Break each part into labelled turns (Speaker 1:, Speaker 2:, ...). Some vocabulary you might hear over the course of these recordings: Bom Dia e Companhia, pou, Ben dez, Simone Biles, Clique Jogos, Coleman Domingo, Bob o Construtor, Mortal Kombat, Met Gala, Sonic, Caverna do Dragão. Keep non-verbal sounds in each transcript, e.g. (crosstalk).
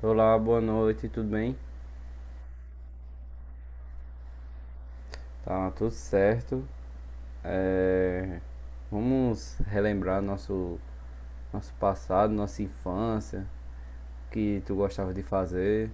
Speaker 1: Olá, boa noite, tudo bem? Tá tudo certo. É, Vamos relembrar nosso passado, nossa infância, o que tu gostava de fazer.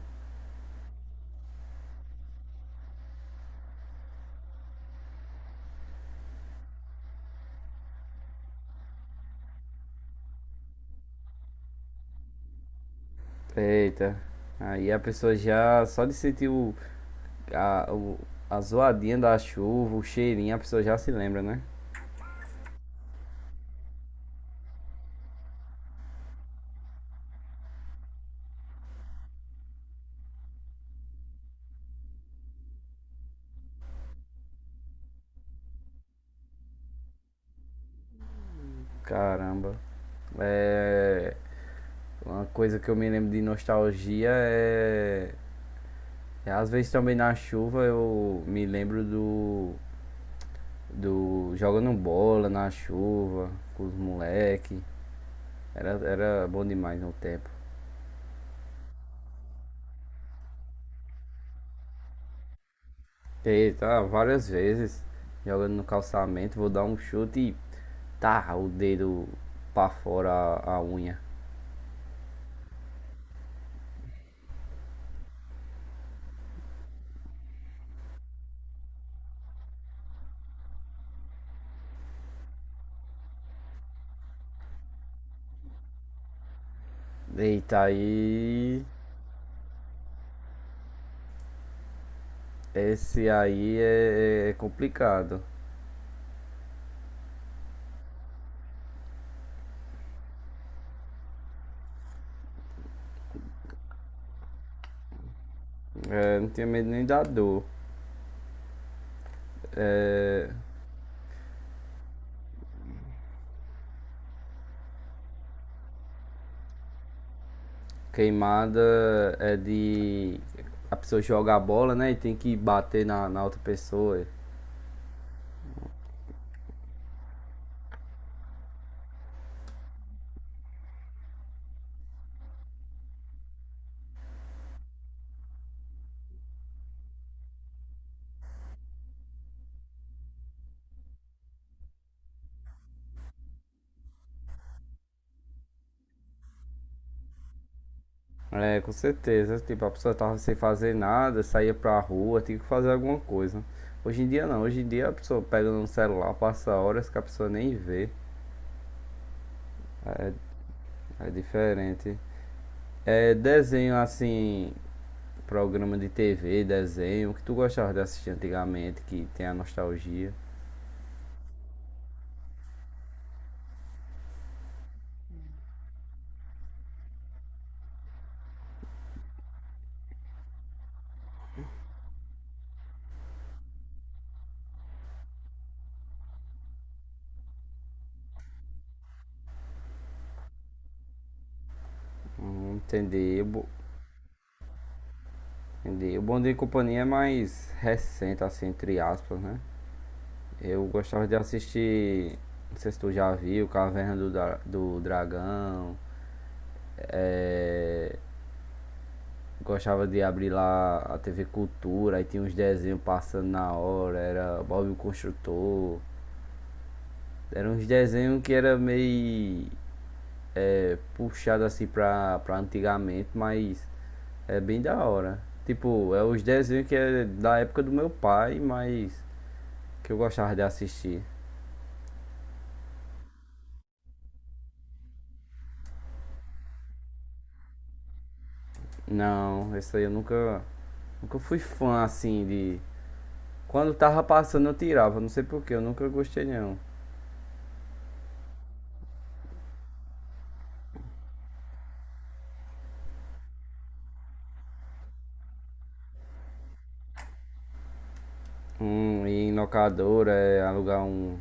Speaker 1: Eita, aí a pessoa já só de sentir a, o- a zoadinha da chuva, o cheirinho, a pessoa já se lembra, né? Caramba. É, uma coisa que eu me lembro de é às vezes também na chuva eu me lembro do jogando bola na chuva com os moleque. Era bom demais no tempo. E tá várias vezes jogando no calçamento, vou dar um chute e tá o dedo pra fora a unha. Eita aí. É complicado. É, não tenho medo nem da dor. É, queimada é de a pessoa joga a bola, né? E tem que bater na outra pessoa. É, com certeza. Tipo, a pessoa tava sem fazer nada, saía pra rua, tinha que fazer alguma coisa. Hoje em dia não, hoje em dia a pessoa pega no celular, passa horas que a pessoa nem vê. É diferente. É, desenho assim, programa de TV, desenho, o que tu gostava de assistir antigamente, que tem a nostalgia. Entendi. Entendi. O Bom Dia e Companhia é mais recente, assim, entre aspas, né? Eu gostava de assistir, não sei se tu já viu, Caverna do Dragão. É, gostava de abrir lá a TV Cultura, aí tinha uns desenhos passando na hora, era Bob o Construtor. Eram uns desenhos que era meio puxado assim pra antigamente, mas é bem da hora. Tipo, é os desenhos que é da época do meu pai, mas que eu gostava de assistir. Não, isso aí eu nunca, nunca fui fã assim de. Quando tava passando eu tirava, não sei porquê, eu nunca gostei não. E em locadora, é, alugar um,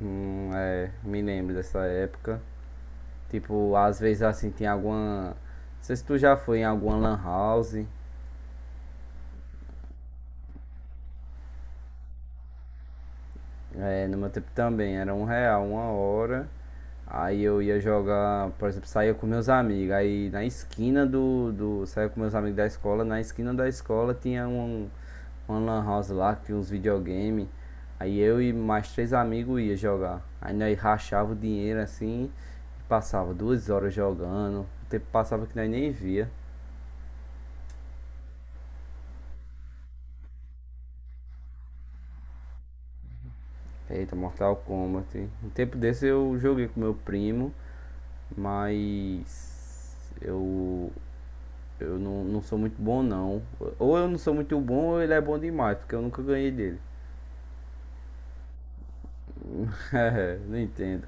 Speaker 1: um, é, me lembro dessa época. Tipo, às vezes assim, não sei se tu já foi em alguma lan house. É, no meu tempo também, era R$ 1, uma hora. Aí eu ia jogar, por exemplo, saía com meus amigos. Aí na esquina do. Do saía com meus amigos da escola, na esquina da escola tinha uma lan house lá, que tinha uns videogame. Aí eu e mais três amigos ia jogar. Aí nós rachava o dinheiro assim e passava 2 horas jogando. O tempo passava que nós nem via. Eita, Mortal Kombat. Um tempo desse eu joguei com meu primo, mas eu não sou muito bom, não. Ou eu não sou muito bom, ou ele é bom demais, porque eu nunca ganhei dele. (laughs) É, não entendo.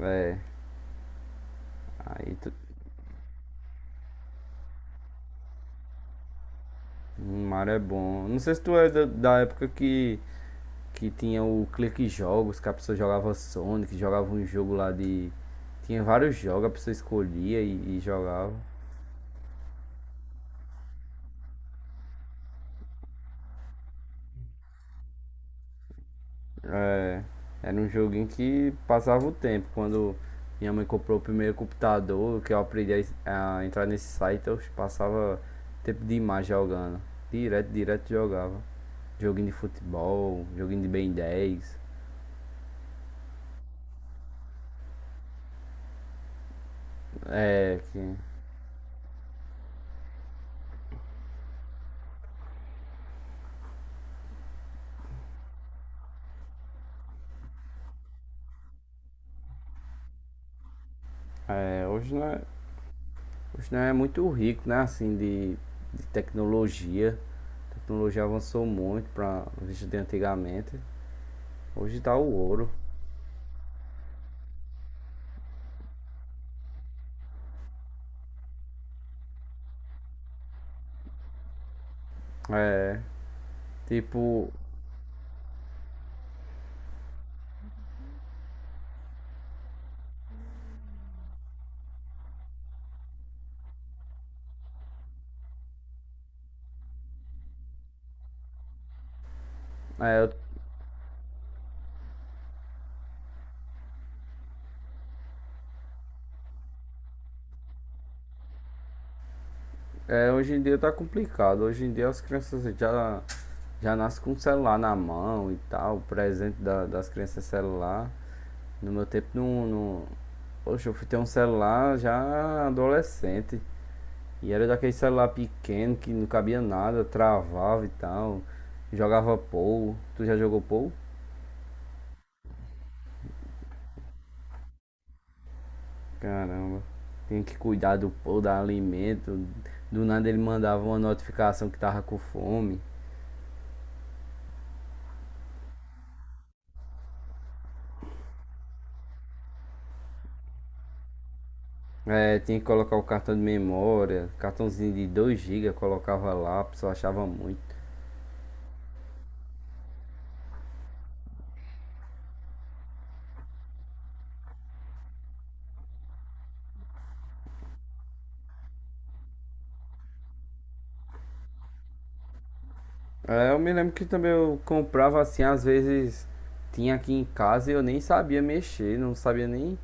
Speaker 1: É, aí tu... o Mario é bom. Não sei se tu é da época que tinha o Clique Jogos, que a pessoa jogava Sonic, jogava um jogo lá de. Tinha vários jogos, a pessoa escolhia e jogava. É, era um joguinho que passava o tempo. Quando minha mãe comprou o primeiro computador, que eu aprendi a entrar nesse site, eu passava tempo demais jogando. Direto, direto jogava. Joguinho de futebol, joguinho de Ben 10. É, que, é, hoje não é, Hoje não é muito rico, né? Assim, de tecnologia. A tecnologia avançou muito para os vídeos de antigamente. Hoje tá o ouro. É, tipo, é, eu É, hoje em dia tá complicado. Hoje em dia as crianças já nascem com o celular na mão e tal. O presente das crianças é celular. No meu tempo não. Poxa, eu fui ter um celular já adolescente. E era daquele celular pequeno que não cabia nada, travava e tal. Jogava pou. Tu já jogou pou? Caramba. Tem que cuidar do pou, dar alimento. Do nada ele mandava uma notificação que tava com fome. É, tinha que colocar o cartão de memória, cartãozinho de 2 gigas colocava lá, a pessoa achava muito. É, eu me lembro que também eu comprava assim, às vezes tinha aqui em casa e eu nem sabia mexer, não sabia nem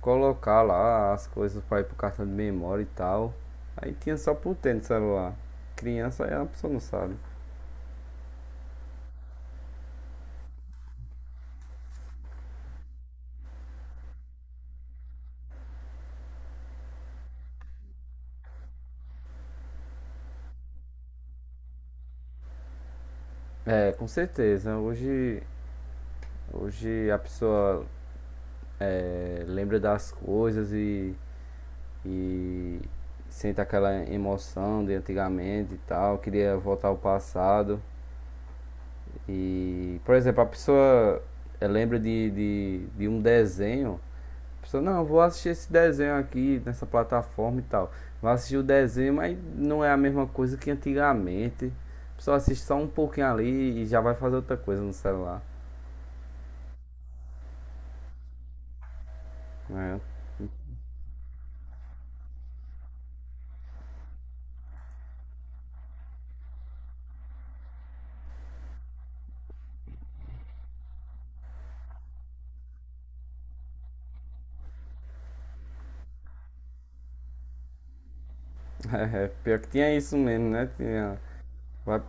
Speaker 1: colocar lá as coisas para ir pro cartão de memória e tal. Aí tinha só por ter no celular. Criança aí a pessoa não sabe. É, com certeza. Hoje a pessoa lembra das coisas e sente aquela emoção de antigamente e tal, queria voltar ao passado. E, por exemplo, lembra de um desenho, a pessoa, não, vou assistir esse desenho aqui nessa plataforma e tal. Vai assistir o desenho, mas não é a mesma coisa que antigamente. A pessoa assiste só um pouquinho ali e já vai fazer outra coisa no celular. É, (laughs) é pior que tinha isso mesmo, né? Tinha, vai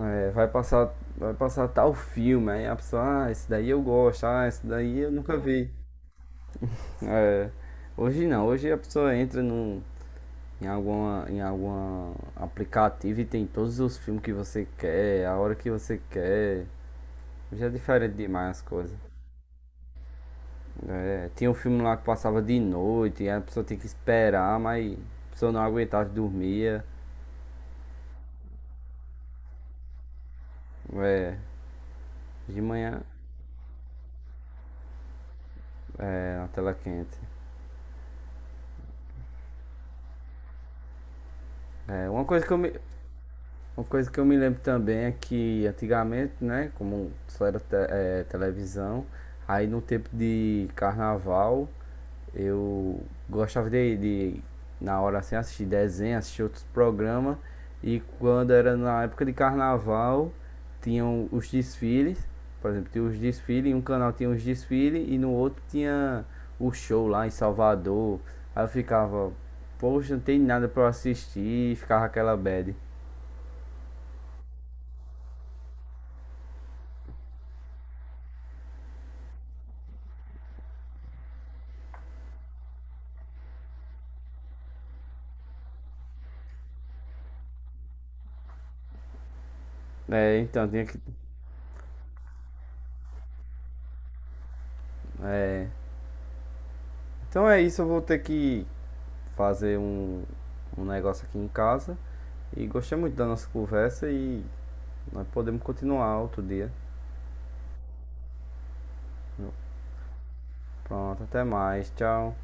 Speaker 1: Vai passar tal filme, aí a pessoa, ah, esse daí eu gosto, ah, esse daí eu nunca vi. É, hoje não, hoje a pessoa entra em alguma, em algum aplicativo e tem todos os filmes que você quer, a hora que você quer. Hoje é diferente demais as coisas. É, tinha um filme lá que passava de noite, e a pessoa tinha que esperar, mas a pessoa não aguentava e dormia. É, de manhã, Na tela quente. É, uma coisa que eu me, Uma coisa que eu me lembro também é que antigamente, né, como só era televisão, aí no tempo de carnaval eu gostava de na hora assim, assistir desenho, assistir outros programas, e quando era na época de carnaval, tinham os desfiles, por exemplo, tinha os desfiles, em um canal tinha os desfiles e no outro tinha o show lá em Salvador. Aí eu ficava, poxa, não tem nada pra eu assistir, e ficava aquela bad. É, então, tinha que. É. Então é isso, eu vou ter que fazer um negócio aqui em casa. E gostei muito da nossa conversa e nós podemos continuar outro dia. Pronto, até mais. Tchau.